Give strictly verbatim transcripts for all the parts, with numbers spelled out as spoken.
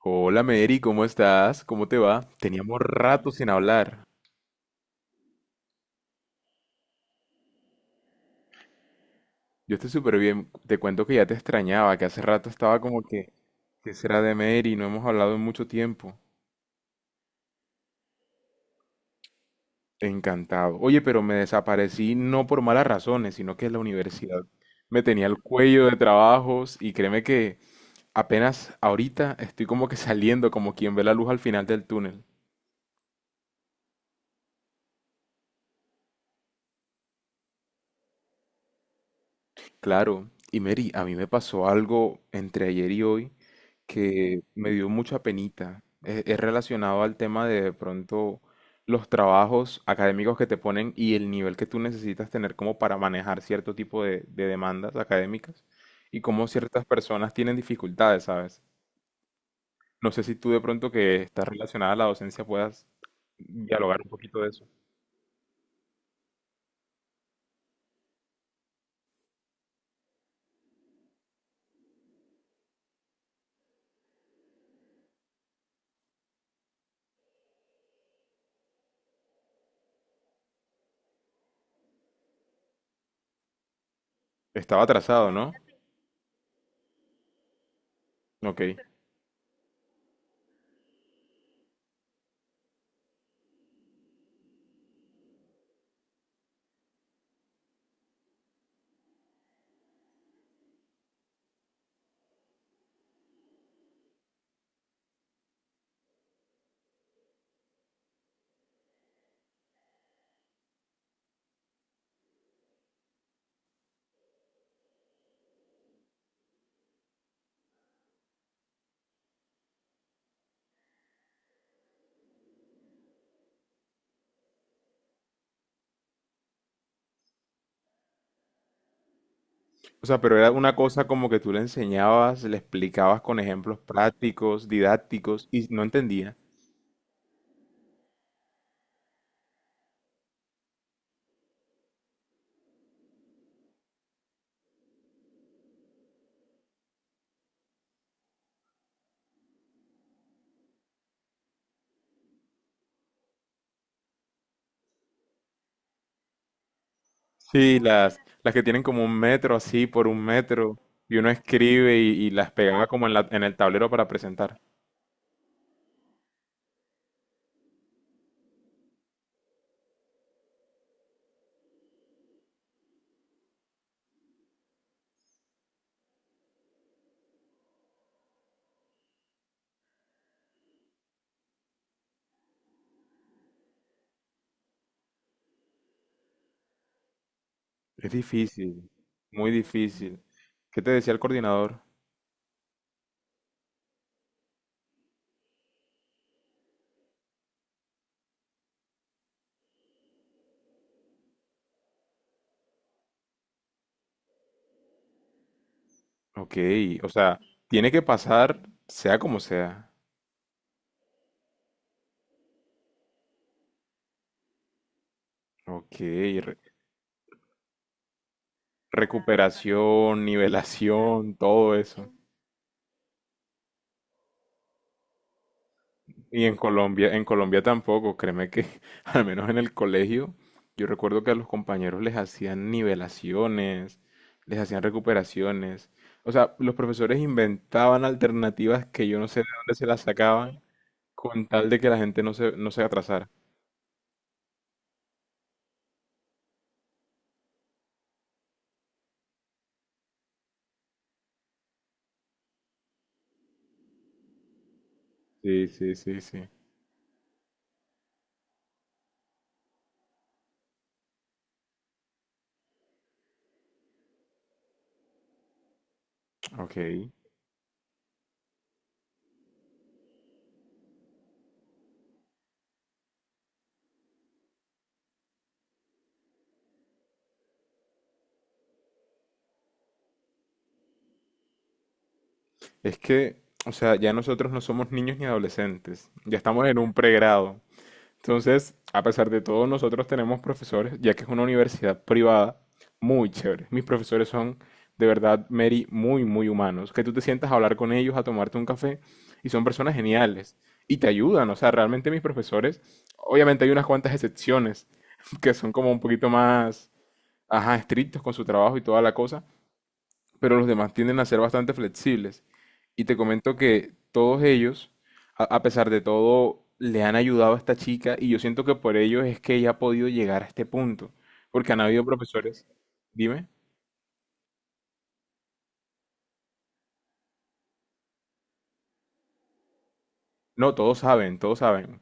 Hola Mary, ¿cómo estás? ¿Cómo te va? Teníamos rato sin hablar. Yo estoy súper bien. Te cuento que ya te extrañaba, que hace rato estaba como que, ¿qué será de Mary? No hemos hablado en mucho tiempo. Encantado. Oye, pero me desaparecí no por malas razones, sino que la universidad me tenía el cuello de trabajos y créeme que apenas ahorita estoy como que saliendo, como quien ve la luz al final del túnel. Claro, y Mary, a mí me pasó algo entre ayer y hoy que me dio mucha penita. Es, es relacionado al tema de, de pronto los trabajos académicos que te ponen y el nivel que tú necesitas tener como para manejar cierto tipo de, de demandas académicas y cómo ciertas personas tienen dificultades, ¿sabes? No sé si tú de pronto que estás relacionada a la docencia puedas dialogar un poquito de eso. Estaba atrasado, ¿no? Ok. O sea, pero era una cosa como que tú le enseñabas, le explicabas con ejemplos prácticos, didácticos, y no entendía. Sí, las, las que tienen como un metro así por un metro, y uno escribe y, y las pegaba como en la, en el tablero para presentar. Es difícil, muy difícil. ¿Qué te decía el coordinador? Ok, o sea, tiene que pasar sea como sea. Ok, re- recuperación, nivelación, todo eso. Y en Colombia, en Colombia tampoco, créeme que al menos en el colegio, yo recuerdo que a los compañeros les hacían nivelaciones, les hacían recuperaciones. O sea, los profesores inventaban alternativas que yo no sé de dónde se las sacaban con tal de que la gente no se, no se atrasara. Sí, sí, sí, sí. Ok. Es que, o sea, ya nosotros no somos niños ni adolescentes, ya estamos en un pregrado. Entonces, a pesar de todo, nosotros tenemos profesores, ya que es una universidad privada, muy chévere. Mis profesores son, de verdad, Mary, muy, muy humanos. Que tú te sientas a hablar con ellos, a tomarte un café, y son personas geniales. Y te ayudan, o sea, realmente mis profesores, obviamente hay unas cuantas excepciones que son como un poquito más, ajá, estrictos con su trabajo y toda la cosa, pero los demás tienden a ser bastante flexibles. Y te comento que todos ellos, a, a pesar de todo, le han ayudado a esta chica y yo siento que por ellos es que ella ha podido llegar a este punto, porque han habido profesores, dime, no, todos saben, todos saben.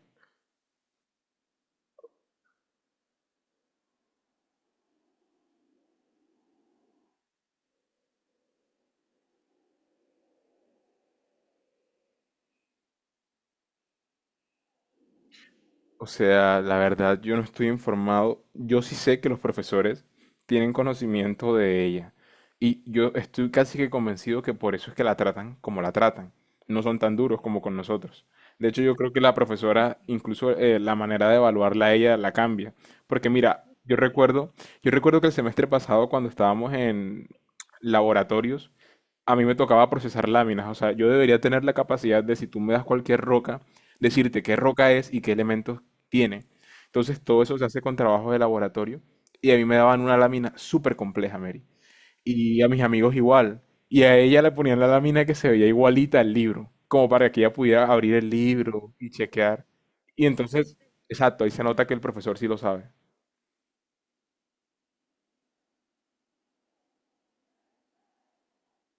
O sea, la verdad, yo no estoy informado. Yo sí sé que los profesores tienen conocimiento de ella. Y yo estoy casi que convencido que por eso es que la tratan como la tratan. No son tan duros como con nosotros. De hecho, yo creo que la profesora, incluso eh, la manera de evaluarla a ella la cambia. Porque mira, yo recuerdo, yo recuerdo que el semestre pasado cuando estábamos en laboratorios, a mí me tocaba procesar láminas. O sea, yo debería tener la capacidad de, si tú me das cualquier roca, decirte qué roca es y qué elementos tiene. Entonces todo eso se hace con trabajos de laboratorio y a mí me daban una lámina súper compleja, Mary. Y a mis amigos igual. Y a ella le ponían la lámina que se veía igualita al libro, como para que ella pudiera abrir el libro y chequear. Y entonces, exacto, ahí se nota que el profesor sí lo sabe.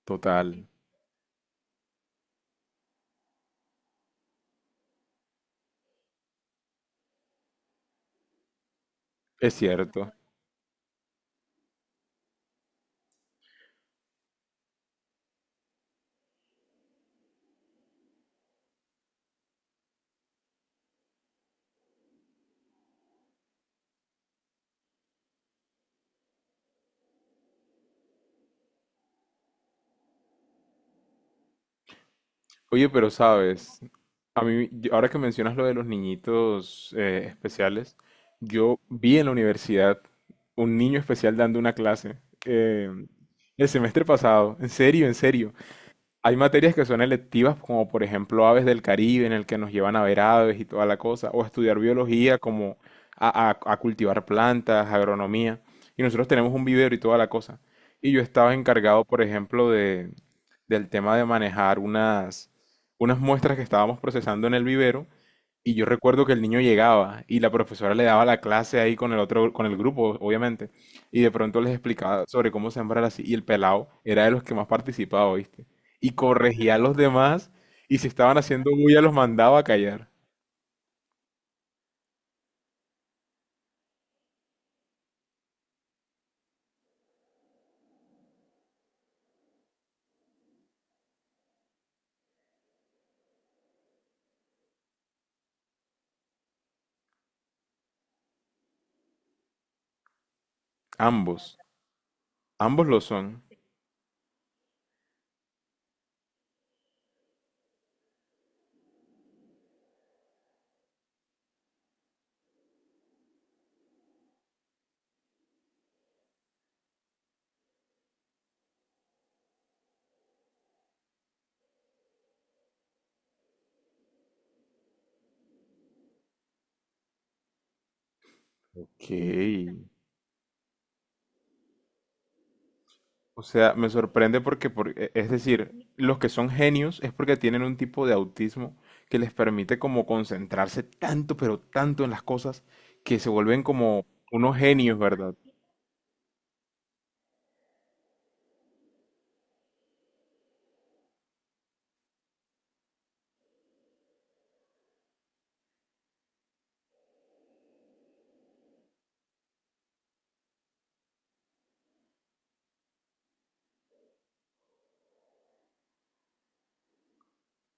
Total, es cierto. Oye, pero sabes, a mí, yo- ahora que mencionas lo de los niñitos eh, especiales, yo vi en la universidad un niño especial dando una clase eh, el semestre pasado, en serio, en serio. Hay materias que son electivas, como por ejemplo Aves del Caribe, en el que nos llevan a ver aves y toda la cosa, o a estudiar biología, como a, a- a cultivar plantas, agronomía. Y nosotros tenemos un vivero y toda la cosa. Y yo estaba encargado, por ejemplo, de, del tema de manejar unas, unas muestras que estábamos procesando en el vivero. Y yo recuerdo que el niño llegaba y la profesora le daba la clase ahí con el otro, con el grupo, obviamente. Y de pronto les explicaba sobre cómo sembrar así. Y el pelado era de los que más participaba, ¿viste? Y corregía a los demás y si estaban haciendo bulla los mandaba a callar. Ambos, ambos lo son. Ok. O sea, me sorprende porque, por- e- es decir, los que son genios es porque tienen un tipo de autismo que les permite como concentrarse tanto, pero tanto en las cosas que se vuelven como unos genios, ¿verdad?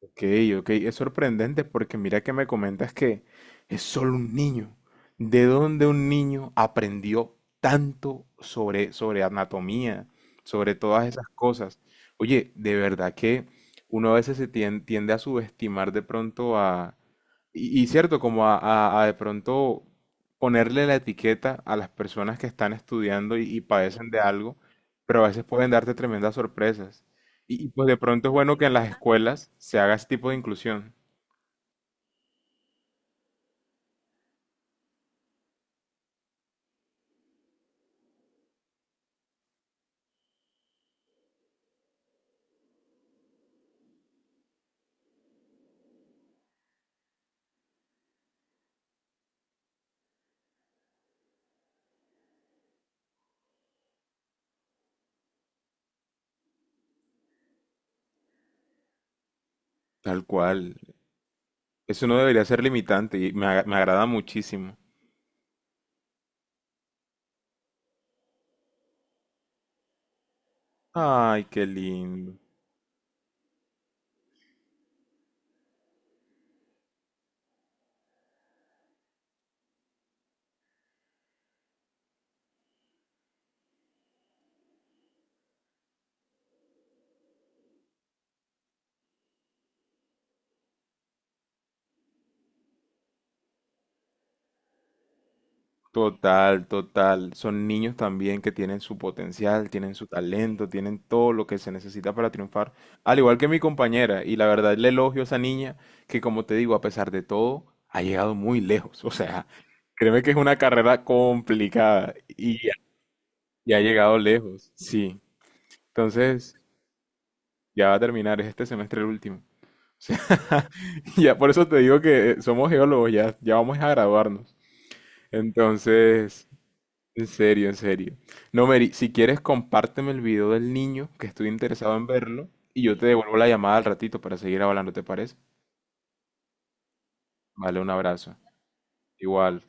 Ok, ok, es sorprendente porque mira que me comentas que es solo un niño. ¿De dónde un niño aprendió tanto sobre, sobre anatomía, sobre todas esas cosas? Oye, de verdad que uno a veces se tien- tiende a subestimar de pronto a, y, y cierto, como a, a- a de pronto ponerle la etiqueta a las personas que están estudiando y, y padecen de algo, pero a veces pueden darte tremendas sorpresas. Y, y, pues de pronto es bueno que en las escuelas se haga ese tipo de inclusión. Tal cual. Eso no debería ser limitante y me, aga- me agrada muchísimo. Ay, qué lindo. Total, total. Son niños también que tienen su potencial, tienen su talento, tienen todo lo que se necesita para triunfar. Al igual que mi compañera, y la verdad le elogio a esa niña que, como te digo, a pesar de todo, ha llegado muy lejos. O sea, créeme que es una carrera complicada y, y ha llegado lejos. Sí. Entonces, ya va a terminar, es este semestre el último. O sea, ya por eso te digo que somos geólogos, ya, ya vamos a graduarnos. Entonces... En serio, en serio. No, Mary, si quieres, compárteme el video del niño, que estoy interesado en verlo, y yo te devuelvo la llamada al ratito para seguir hablando, ¿te parece? Vale, un abrazo. Igual.